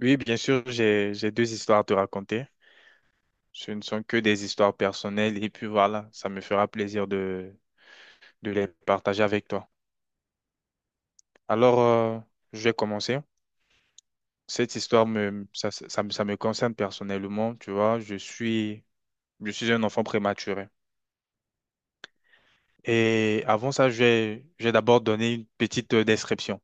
Oui, bien sûr, j'ai deux histoires à te raconter. Ce ne sont que des histoires personnelles et puis voilà, ça me fera plaisir de les partager avec toi. Alors, je vais commencer. Cette histoire me ça, ça, ça me Ça me concerne personnellement, tu vois, je suis un enfant prématuré. Et avant ça, je vais d'abord donner une petite description.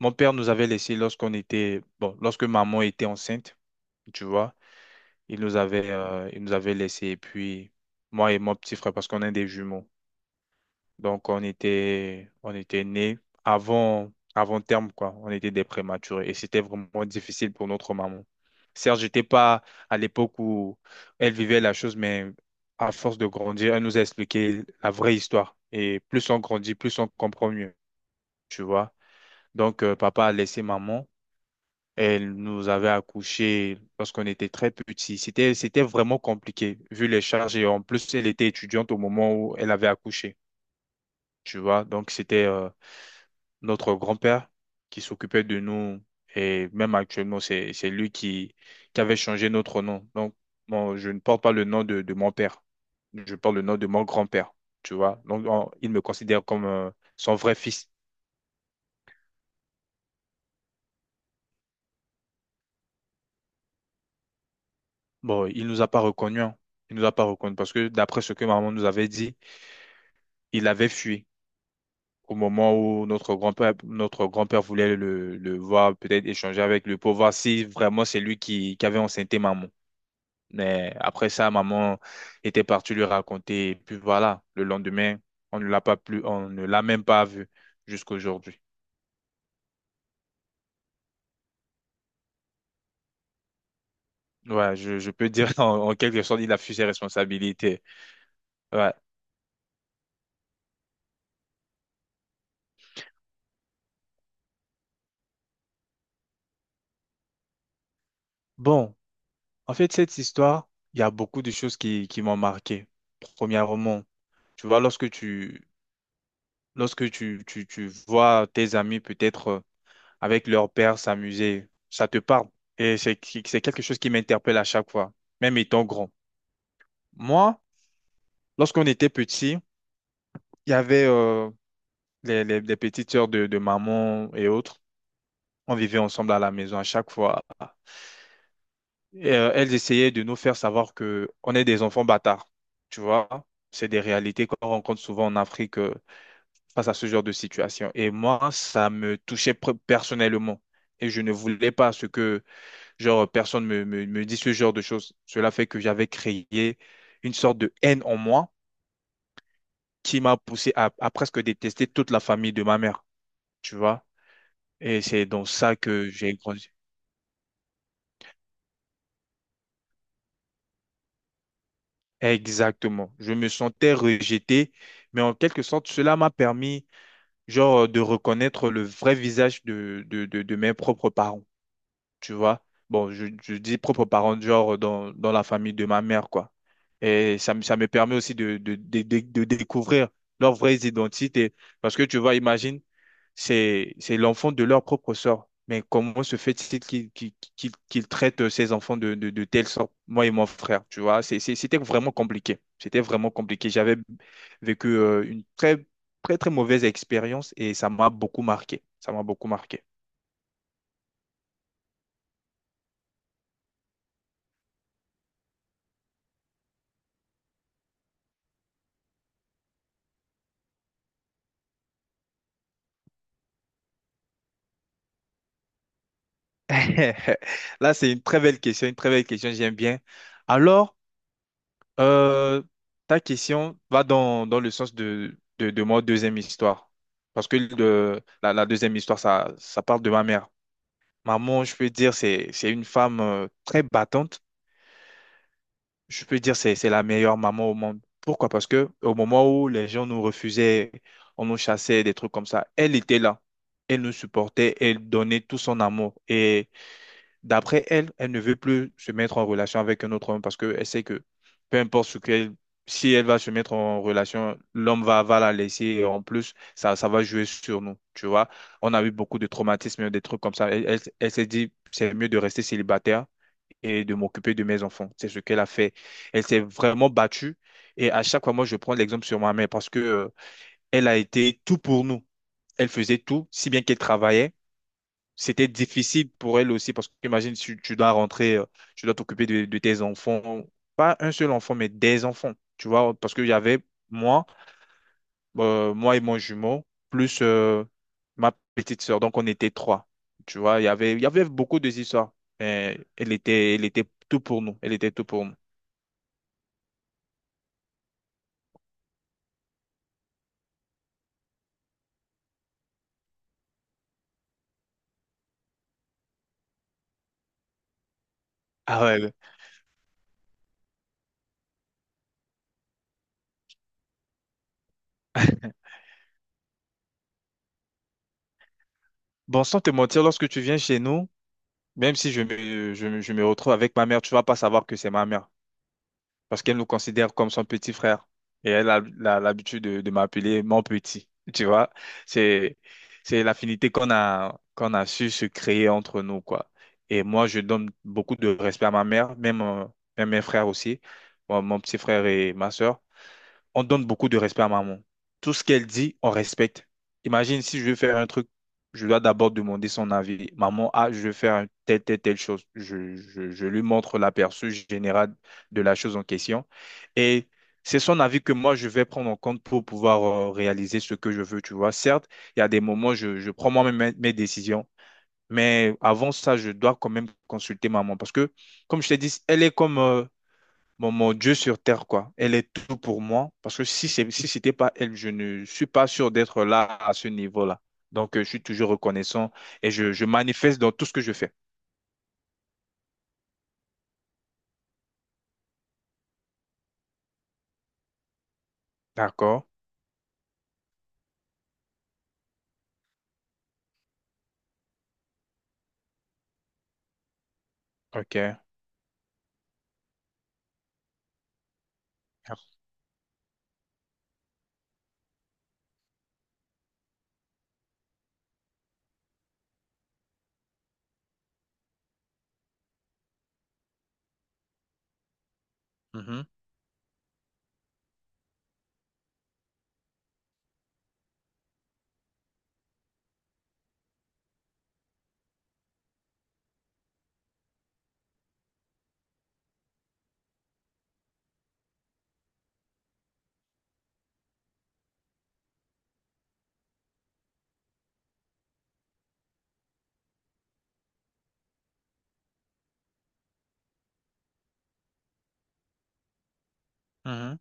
Mon père nous avait laissés lorsque maman était enceinte, tu vois. Il nous avait laissé. Et puis, moi et mon petit frère, parce qu'on est des jumeaux. Donc, on était nés avant terme, quoi. On était des prématurés. Et c'était vraiment difficile pour notre maman. Certes, j'étais pas à l'époque où elle vivait la chose, mais à force de grandir, elle nous a expliqué la vraie histoire. Et plus on grandit, plus on comprend mieux, tu vois. Donc, papa a laissé maman. Elle nous avait accouchés lorsqu'on était très petits. C'était vraiment compliqué, vu les charges. Et en plus, elle était étudiante au moment où elle avait accouché, tu vois. Donc, c'était notre grand-père qui s'occupait de nous. Et même actuellement, c'est lui qui avait changé notre nom. Donc, bon, je ne porte pas le nom de mon père. Je porte le nom de mon grand-père, tu vois. Donc, il me considère comme son vrai fils. Bon, il nous a pas reconnus, hein. Il nous a pas reconnus parce que d'après ce que maman nous avait dit, il avait fui au moment où notre grand-père voulait le voir, peut-être échanger avec lui pour voir si vraiment c'est lui qui avait enceinté maman. Mais après ça, maman était partie lui raconter. Et puis voilà, le lendemain, on ne l'a pas plus, on ne l'a même pas vu jusqu'aujourd'hui. Ouais, je peux dire en quelque sorte, il a fui ses responsabilités. Ouais. Bon, en fait, cette histoire, il y a beaucoup de choses qui m'ont marqué. Premièrement, tu vois, tu vois tes amis peut-être avec leur père s'amuser. Ça te parle. Et c'est quelque chose qui m'interpelle à chaque fois, même étant grand. Moi, lorsqu'on était petit, il y avait les petites sœurs de maman et autres. On vivait ensemble à la maison à chaque fois. Et, elles essayaient de nous faire savoir que on est des enfants bâtards. Tu vois, c'est des réalités qu'on rencontre souvent en Afrique, face à ce genre de situation. Et moi, ça me touchait personnellement. Et je ne voulais pas ce que... personne me dit ce genre de choses. Cela fait que j'avais créé une sorte de haine en moi qui m'a poussé à presque détester toute la famille de ma mère, tu vois. Et c'est dans ça que j'ai grandi. Exactement. Je me sentais rejeté, mais en quelque sorte, cela m'a permis, genre, de reconnaître le vrai visage de mes propres parents, tu vois. Bon, je dis propres parents de genre dans la famille de ma mère, quoi. Et ça, ça me permet aussi de découvrir leurs vraies identités. Parce que tu vois, imagine, c'est l'enfant de leur propre sort. Mais comment se fait-il qu'ils traitent ces enfants de telle sorte, moi et mon frère, tu vois? C'était vraiment compliqué. C'était vraiment compliqué. J'avais vécu une très mauvaise expérience et ça m'a beaucoup marqué. Ça m'a beaucoup marqué. Là, c'est une très belle question, une très belle question, j'aime bien. Alors, euh, ta question va dans le sens de ma deuxième histoire. Parce que la deuxième histoire, ça parle de ma mère. Maman, je peux dire, c'est une femme très battante. Je peux dire, c'est la meilleure maman au monde. Pourquoi? Parce que au moment où les gens nous refusaient, on nous chassait, des trucs comme ça, elle était là. Elle nous supportait, elle donnait tout son amour. Et d'après elle, elle ne veut plus se mettre en relation avec un autre homme parce qu'elle sait que peu importe ce qu'elle... si elle va se mettre en relation, l'homme va la laisser et en plus, ça va jouer sur nous. Tu vois, on a eu beaucoup de traumatismes, des trucs comme ça. Elle s'est dit, c'est mieux de rester célibataire et de m'occuper de mes enfants. C'est ce qu'elle a fait. Elle s'est vraiment battue et à chaque fois, moi, je prends l'exemple sur ma mère parce que, elle a été tout pour nous. Elle faisait tout, si bien qu'elle travaillait. C'était difficile pour elle aussi parce que imagine, tu dois rentrer, tu dois t'occuper de tes enfants, pas un seul enfant, mais des enfants, tu vois, parce qu'il y avait moi, moi et mon jumeau, plus ma petite sœur. Donc, on était trois. Tu vois, il y avait beaucoup de histoires. Mais elle était tout pour nous. Elle était tout pour nous. Ah ouais. Bon, sans te mentir, lorsque tu viens chez nous, même si je me retrouve avec ma mère, tu vas pas savoir que c'est ma mère, parce qu'elle nous considère comme son petit frère. Et elle a l'habitude de m'appeler mon petit. Tu vois, c'est, c'est l'affinité qu'on a, qu'on a su se créer entre nous, quoi. Et moi, je donne beaucoup de respect à ma mère, même, même mes frères aussi. Moi, mon petit frère et ma sœur, on donne beaucoup de respect à maman. Tout ce qu'elle dit, on respecte. Imagine si je veux faire un truc, je dois d'abord demander son avis. Maman, ah, je veux faire un telle, telle, telle chose. Je lui montre l'aperçu général de la chose en question. Et c'est son avis que moi, je vais prendre en compte pour pouvoir réaliser ce que je veux, tu vois. Certes, il y a des moments, je prends moi-même mes décisions. Mais avant ça, je dois quand même consulter maman parce que, comme je t'ai dit, elle est comme, mon Dieu sur terre, quoi. Elle est tout pour moi. Parce que si c'était pas elle, je ne suis pas sûr d'être là à ce niveau-là. Donc, je suis toujours reconnaissant et je manifeste dans tout ce que je fais. D'accord. OK. Mhm, mhm.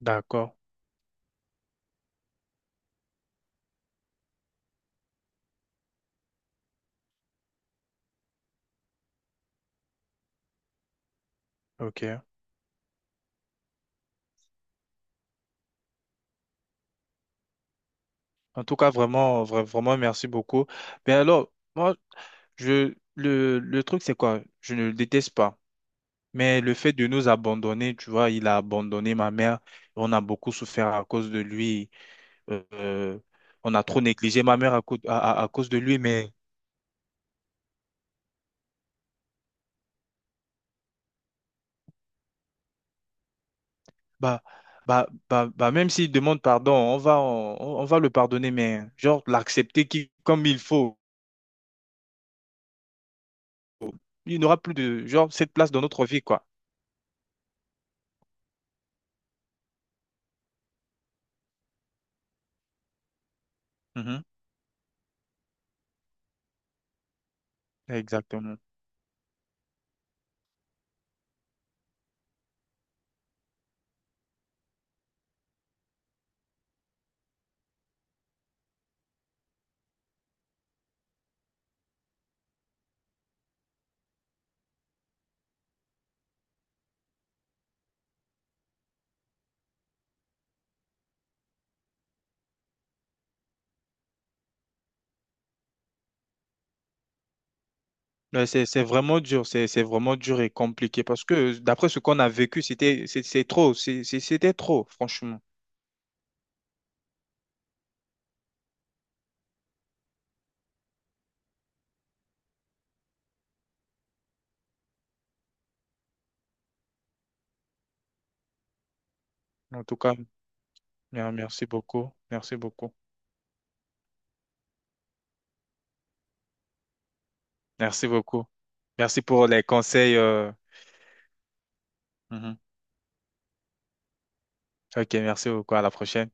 D'accord. OK. En tout cas, vraiment, vraiment, merci beaucoup. Mais alors, moi, je... le truc, c'est quoi? Je ne le déteste pas. Mais le fait de nous abandonner, tu vois, il a abandonné ma mère. On a beaucoup souffert à cause de lui. Euh, on a trop négligé ma mère à, à cause de lui, mais... bah, bah, même s'il demande pardon, on va le pardonner, mais genre l'accepter qui, comme il faut. Il n'aura plus de, genre, cette place dans notre vie, quoi. Mhm. Exactement. Mais c'est vraiment dur, c'est vraiment dur et compliqué parce que d'après ce qu'on a vécu, c'est trop, c'était trop, franchement. En tout cas, bien, merci beaucoup, merci beaucoup, merci beaucoup. Merci pour les conseils. Mhm. Ok, merci beaucoup. À la prochaine.